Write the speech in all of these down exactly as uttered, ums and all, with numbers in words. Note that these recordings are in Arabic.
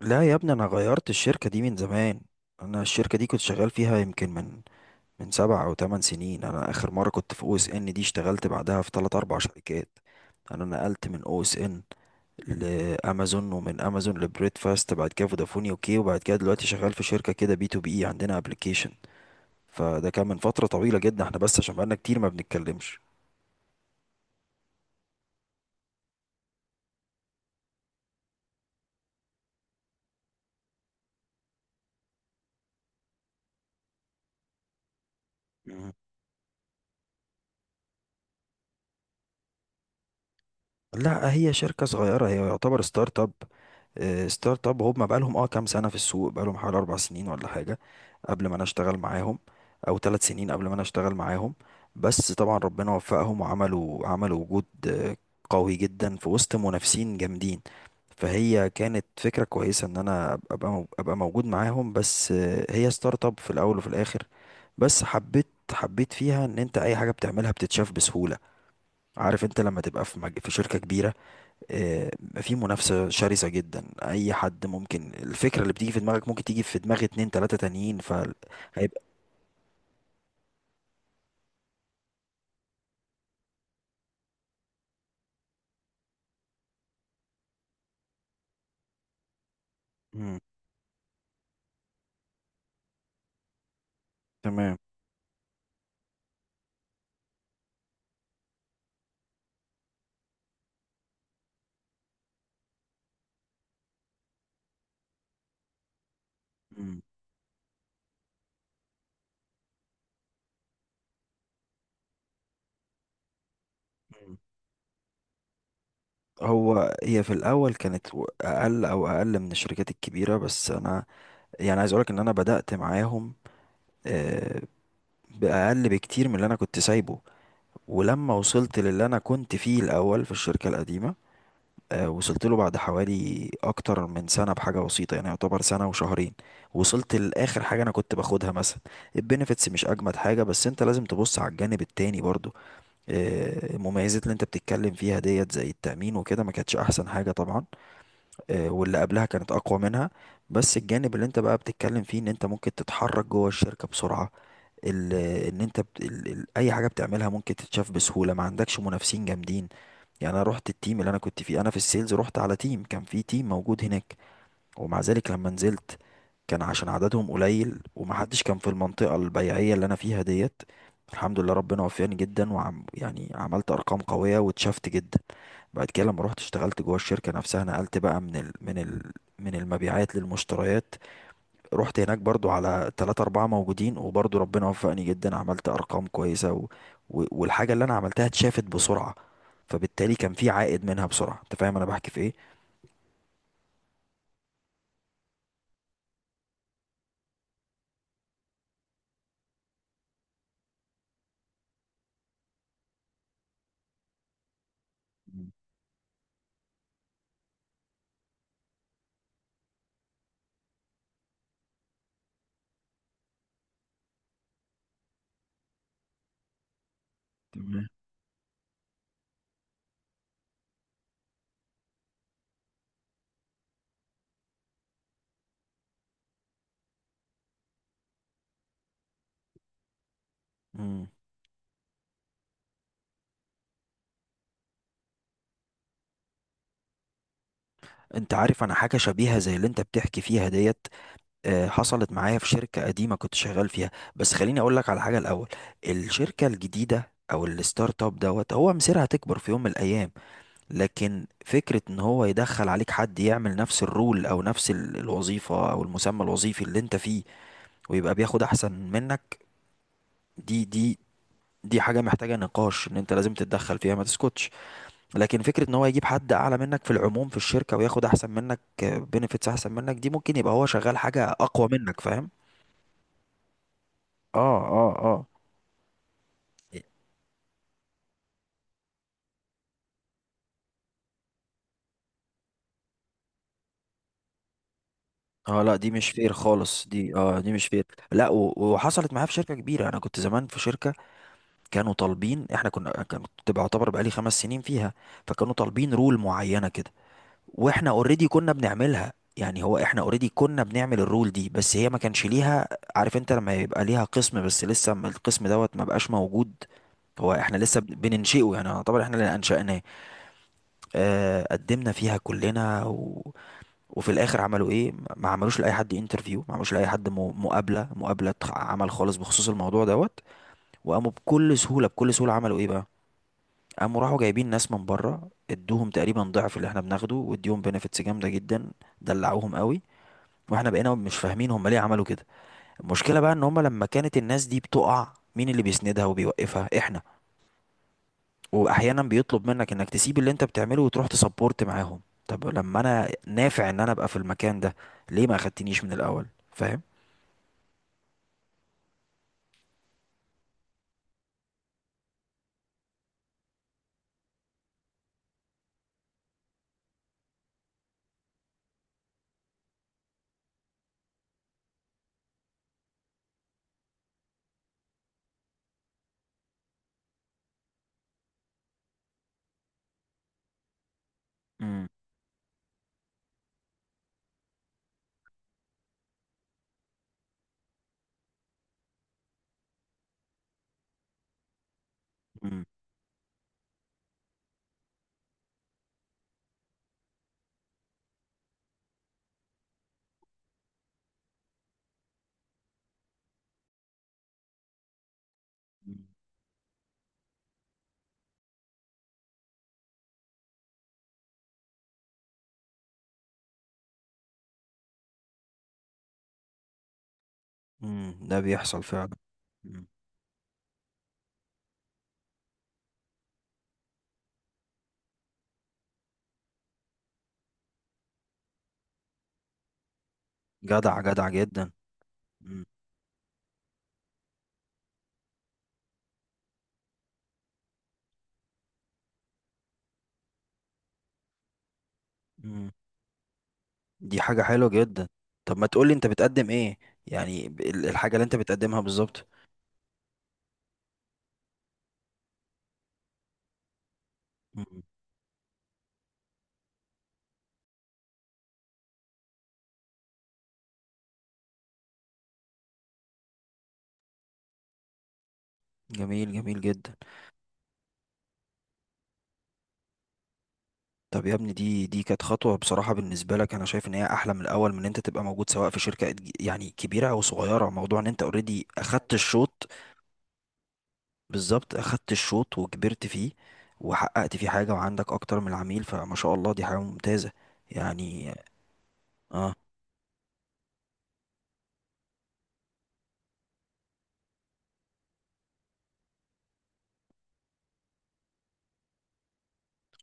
لا يا ابني، انا غيرت الشركة دي من زمان. انا الشركة دي كنت شغال فيها يمكن من من سبع او ثمان سنين. انا اخر مرة كنت في او اس ان دي، اشتغلت بعدها في ثلاث اربع شركات. انا نقلت من او اس ان لامازون، ومن امازون لبريد فاست، بعد كده فودافون يوكي، وبعد كده دلوقتي شغال في شركة كده بي تو بي عندنا ابلكيشن. فده كان من فترة طويلة جدا، احنا بس عشان بقالنا كتير ما بنتكلمش. لا، هي شركة صغيرة، هي يعتبر ستارت اب. آه، ستارت اب، هم بقالهم اه كام سنة في السوق؟ بقالهم حوالي أربع سنين ولا حاجة قبل ما أنا أشتغل معاهم، أو ثلاث سنين قبل ما أنا أشتغل معاهم. بس طبعا ربنا وفقهم، وعملوا عملوا وجود آه، قوي جدا في وسط منافسين جامدين. فهي كانت فكرة كويسة إن أنا أبقى أبقى مو- أبقى موجود معاهم، بس آه، هي ستارت اب في الأول وفي الآخر. بس حبيت حبيت فيها إن أنت أي حاجة بتعملها بتتشاف بسهولة. عارف أنت لما تبقى في مج- في شركة كبيرة، آه، في منافسة شرسة جدا، أي حد ممكن الفكرة اللي بتيجي في دماغك ممكن تيجي في دماغ اتنين تلاتة تانيين، فهيبقى. مم. تمام. مم. مم. هو هي في الأول كانت و- أقل، أو أقل من الشركات الكبيرة، بس أنا يعني عايز أقولك إن أنا بدأت معاهم آه، بأقل بكتير من اللي أنا كنت سايبه. ولما وصلت للي أنا كنت فيه الأول في الشركة القديمة، آه، وصلت له بعد حوالي اكتر من سنه بحاجه بسيطه، يعني يعتبر سنه وشهرين وصلت لاخر حاجه انا كنت باخدها مثلا. البنفيتس مش اجمد حاجه، بس انت لازم تبص على الجانب التاني برضو. آه، المميزات اللي انت بتتكلم فيها ديت زي التامين وكده ما كانتش احسن حاجه طبعا، آه، واللي قبلها كانت اقوى منها. بس الجانب اللي انت بقى بتتكلم فيه ان انت ممكن تتحرك جوه الشركه بسرعه، ال- ان انت بت... ال... ال... اي حاجه بتعملها ممكن تتشاف بسهوله، ما عندكش منافسين جامدين. يعني انا رحت التيم اللي انا كنت فيه، انا في السيلز رحت على تيم، كان في تيم موجود هناك، ومع ذلك لما نزلت كان عشان عددهم قليل ومحدش كان في المنطقة البيعية اللي انا فيها ديت. الحمد لله ربنا وفقني جدا وعم يعني عملت ارقام قوية واتشفت جدا. بعد كده لما رحت اشتغلت جوه الشركة نفسها نقلت بقى من ال من ال من المبيعات للمشتريات. رحت هناك برضو على تلاتة أربعة موجودين، وبرضو ربنا وفقني جدا، عملت أرقام كويسة و... و... والحاجة اللي أنا عملتها اتشافت بسرعة، فبالتالي كان في عائد منها بسرعة. أنت فاهم أنا بحكي في إيه؟ تمام. مم. أنت عارف، أنا حاجة شبيهة زي اللي أنت بتحكي فيها ديت آه، حصلت معايا في شركة قديمة كنت شغال فيها. بس خليني أقول لك على حاجة الأول. الشركة الجديدة أو الستارت اب دوت هو مصيرها تكبر في يوم من الأيام. لكن فكرة ان هو يدخل عليك حد يعمل نفس الرول او نفس ال- الوظيفة او المسمى الوظيفي اللي انت فيه، ويبقى بياخد احسن منك، دي دي دي حاجة محتاجة نقاش، ان انت لازم تتدخل فيها ما تسكتش. لكن فكرة ان هو يجيب حد اعلى منك في العموم في الشركة وياخد احسن منك بنفيتس احسن منك، دي ممكن يبقى هو شغال حاجة اقوى منك، فاهم. اه اه اه. اه، لا دي مش فير خالص، دي اه دي مش فير. لا، و- وحصلت معايا في شركة كبيرة. انا كنت زمان في شركة، كانوا طالبين، احنا كنا كانت تبقى يعتبر بقالي خمس سنين فيها. فكانوا طالبين رول معينة كده، واحنا اوريدي كنا بنعملها، يعني هو احنا اوريدي كنا بنعمل الرول دي، بس هي ما كانش ليها. عارف انت لما يبقى ليها قسم بس لسه ما- القسم دوت ما بقاش موجود، هو احنا لسه بن- بننشئه، يعني يعتبر احنا اللي انشأناه. آه قدمنا فيها كلنا و... وفي الاخر عملوا ايه؟ ما عملوش لاي حد انترفيو، ما عملوش لاي حد م- مقابلة مقابلة عمل خالص بخصوص الموضوع دوت. وقاموا بكل سهولة، بكل سهولة عملوا ايه بقى، قاموا راحوا جايبين ناس من بره، ادوهم تقريبا ضعف اللي احنا بناخده، واديهم بنفيتس جامده جدا، دلعوهم قوي. واحنا بقينا مش فاهمين هم ليه عملوا كده. المشكله بقى ان هم لما كانت الناس دي بتقع، مين اللي بيسندها وبيوقفها؟ احنا. واحيانا بيطلب منك انك تسيب اللي انت بتعمله وتروح تسبورت معاهم. طب لما انا نافع ان انا ابقى في المكان ده، ليه ما اخدتنيش من الاول؟ فاهم. امم امم امم. ده بيحصل فعلا. مم. جدع جدع جدا. مم. مم. دي حاجة حلوة جدا. طب ما تقولي انت بتقدم ايه؟ يعني ب- ال- الحاجة اللي انت بتقدمها بالظبط. مم. جميل جميل جدا. طب يا ابني، دي دي كانت خطوة بصراحة بالنسبة لك. انا شايف ان هي احلى من الاول، من ان انت تبقى موجود سواء في شركة ج- يعني كبيرة او صغيرة. موضوع ان انت اوريدي اخدت الشوط، بالظبط، اخدت الشوط وكبرت فيه وحققت فيه حاجة وعندك اكتر من العميل، فما شاء الله دي حاجة ممتازة يعني. اه.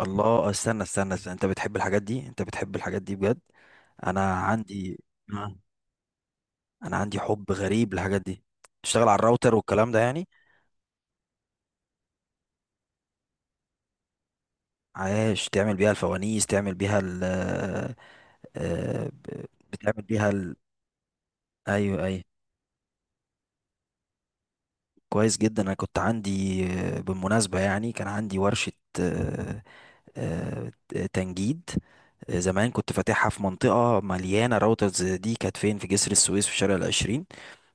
الله، استنى استنى، استنى. انت بتحب الحاجات دي؟ انت بتحب الحاجات دي بجد؟ انا عندي آه. انا عندي حب غريب للحاجات دي. تشتغل على الراوتر والكلام ده يعني. عايش تعمل بيها الفوانيس، تعمل بيها ال، آه، ب- بتعمل بيها ال، ايوه ايوه. كويس جدا. انا كنت عندي، آه، بالمناسبه يعني كان عندي ورشه آه، آه، تنجيد. آه، زمان كنت فاتحها في منطقه مليانه راوترز. دي كانت فين؟ في جسر السويس في شارع العشرين.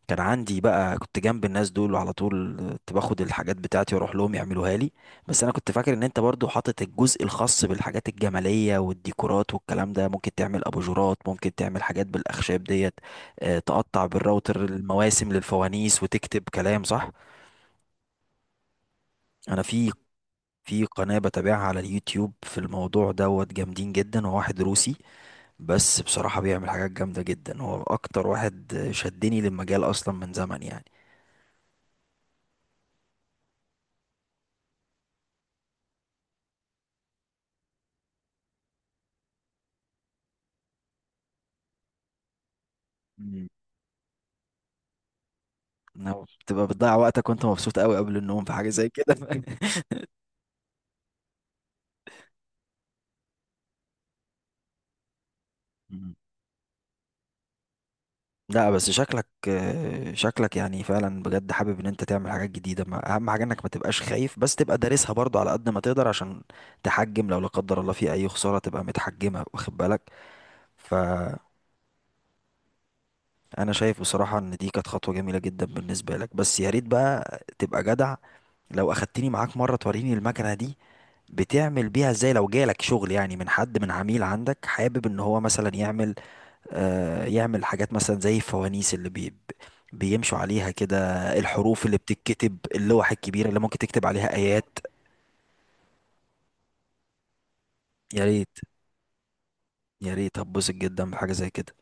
كان عندي بقى كنت جنب الناس دول، وعلى طول كنت باخد الحاجات بتاعتي واروح لهم يعملوها لي. بس انا كنت فاكر ان انت برضو حاطط الجزء الخاص بالحاجات الجمالية والديكورات والكلام ده. ممكن تعمل اباجورات، ممكن تعمل حاجات بالاخشاب ديت، آه، تقطع بالراوتر المواسم للفوانيس وتكتب كلام، صح؟ انا في في قناة بتابعها على اليوتيوب في الموضوع دوت، جامدين جدا. هو واحد روسي بس بصراحة بيعمل حاجات جامدة جدا، هو اكتر واحد شدني للمجال اصلا من زمن يعني. لو بتبقى بتضيع وقتك وانت مبسوط قوي قبل النوم في حاجة زي كده مم. لا بس شكلك، آه، شكلك يعني فعلا بجد حابب ان انت تعمل حاجات جديدة. ما اهم حاجة انك ما تبقاش خايف، بس تبقى دارسها برضو على قد ما تقدر، عشان تحجم لو لا قدر الله في اي خسارة تبقى متحجمة، واخد بالك. فانا شايف بصراحة ان دي كانت خطوة جميلة جدا بالنسبة لك، بس يا ريت بقى تبقى جدع لو اخدتني معاك مرة توريني المكنة دي بتعمل بيها ازاي. لو جالك شغل يعني من حد، من عميل عندك حابب ان هو مثلا يعمل آه، يعمل حاجات مثلا زي الفوانيس اللي بي بيمشوا عليها كده، الحروف اللي بتتكتب، اللوح الكبيرة اللي ممكن تكتب عليها آيات. يا ريت يا ريت. هتبسط جدا بحاجة زي كده.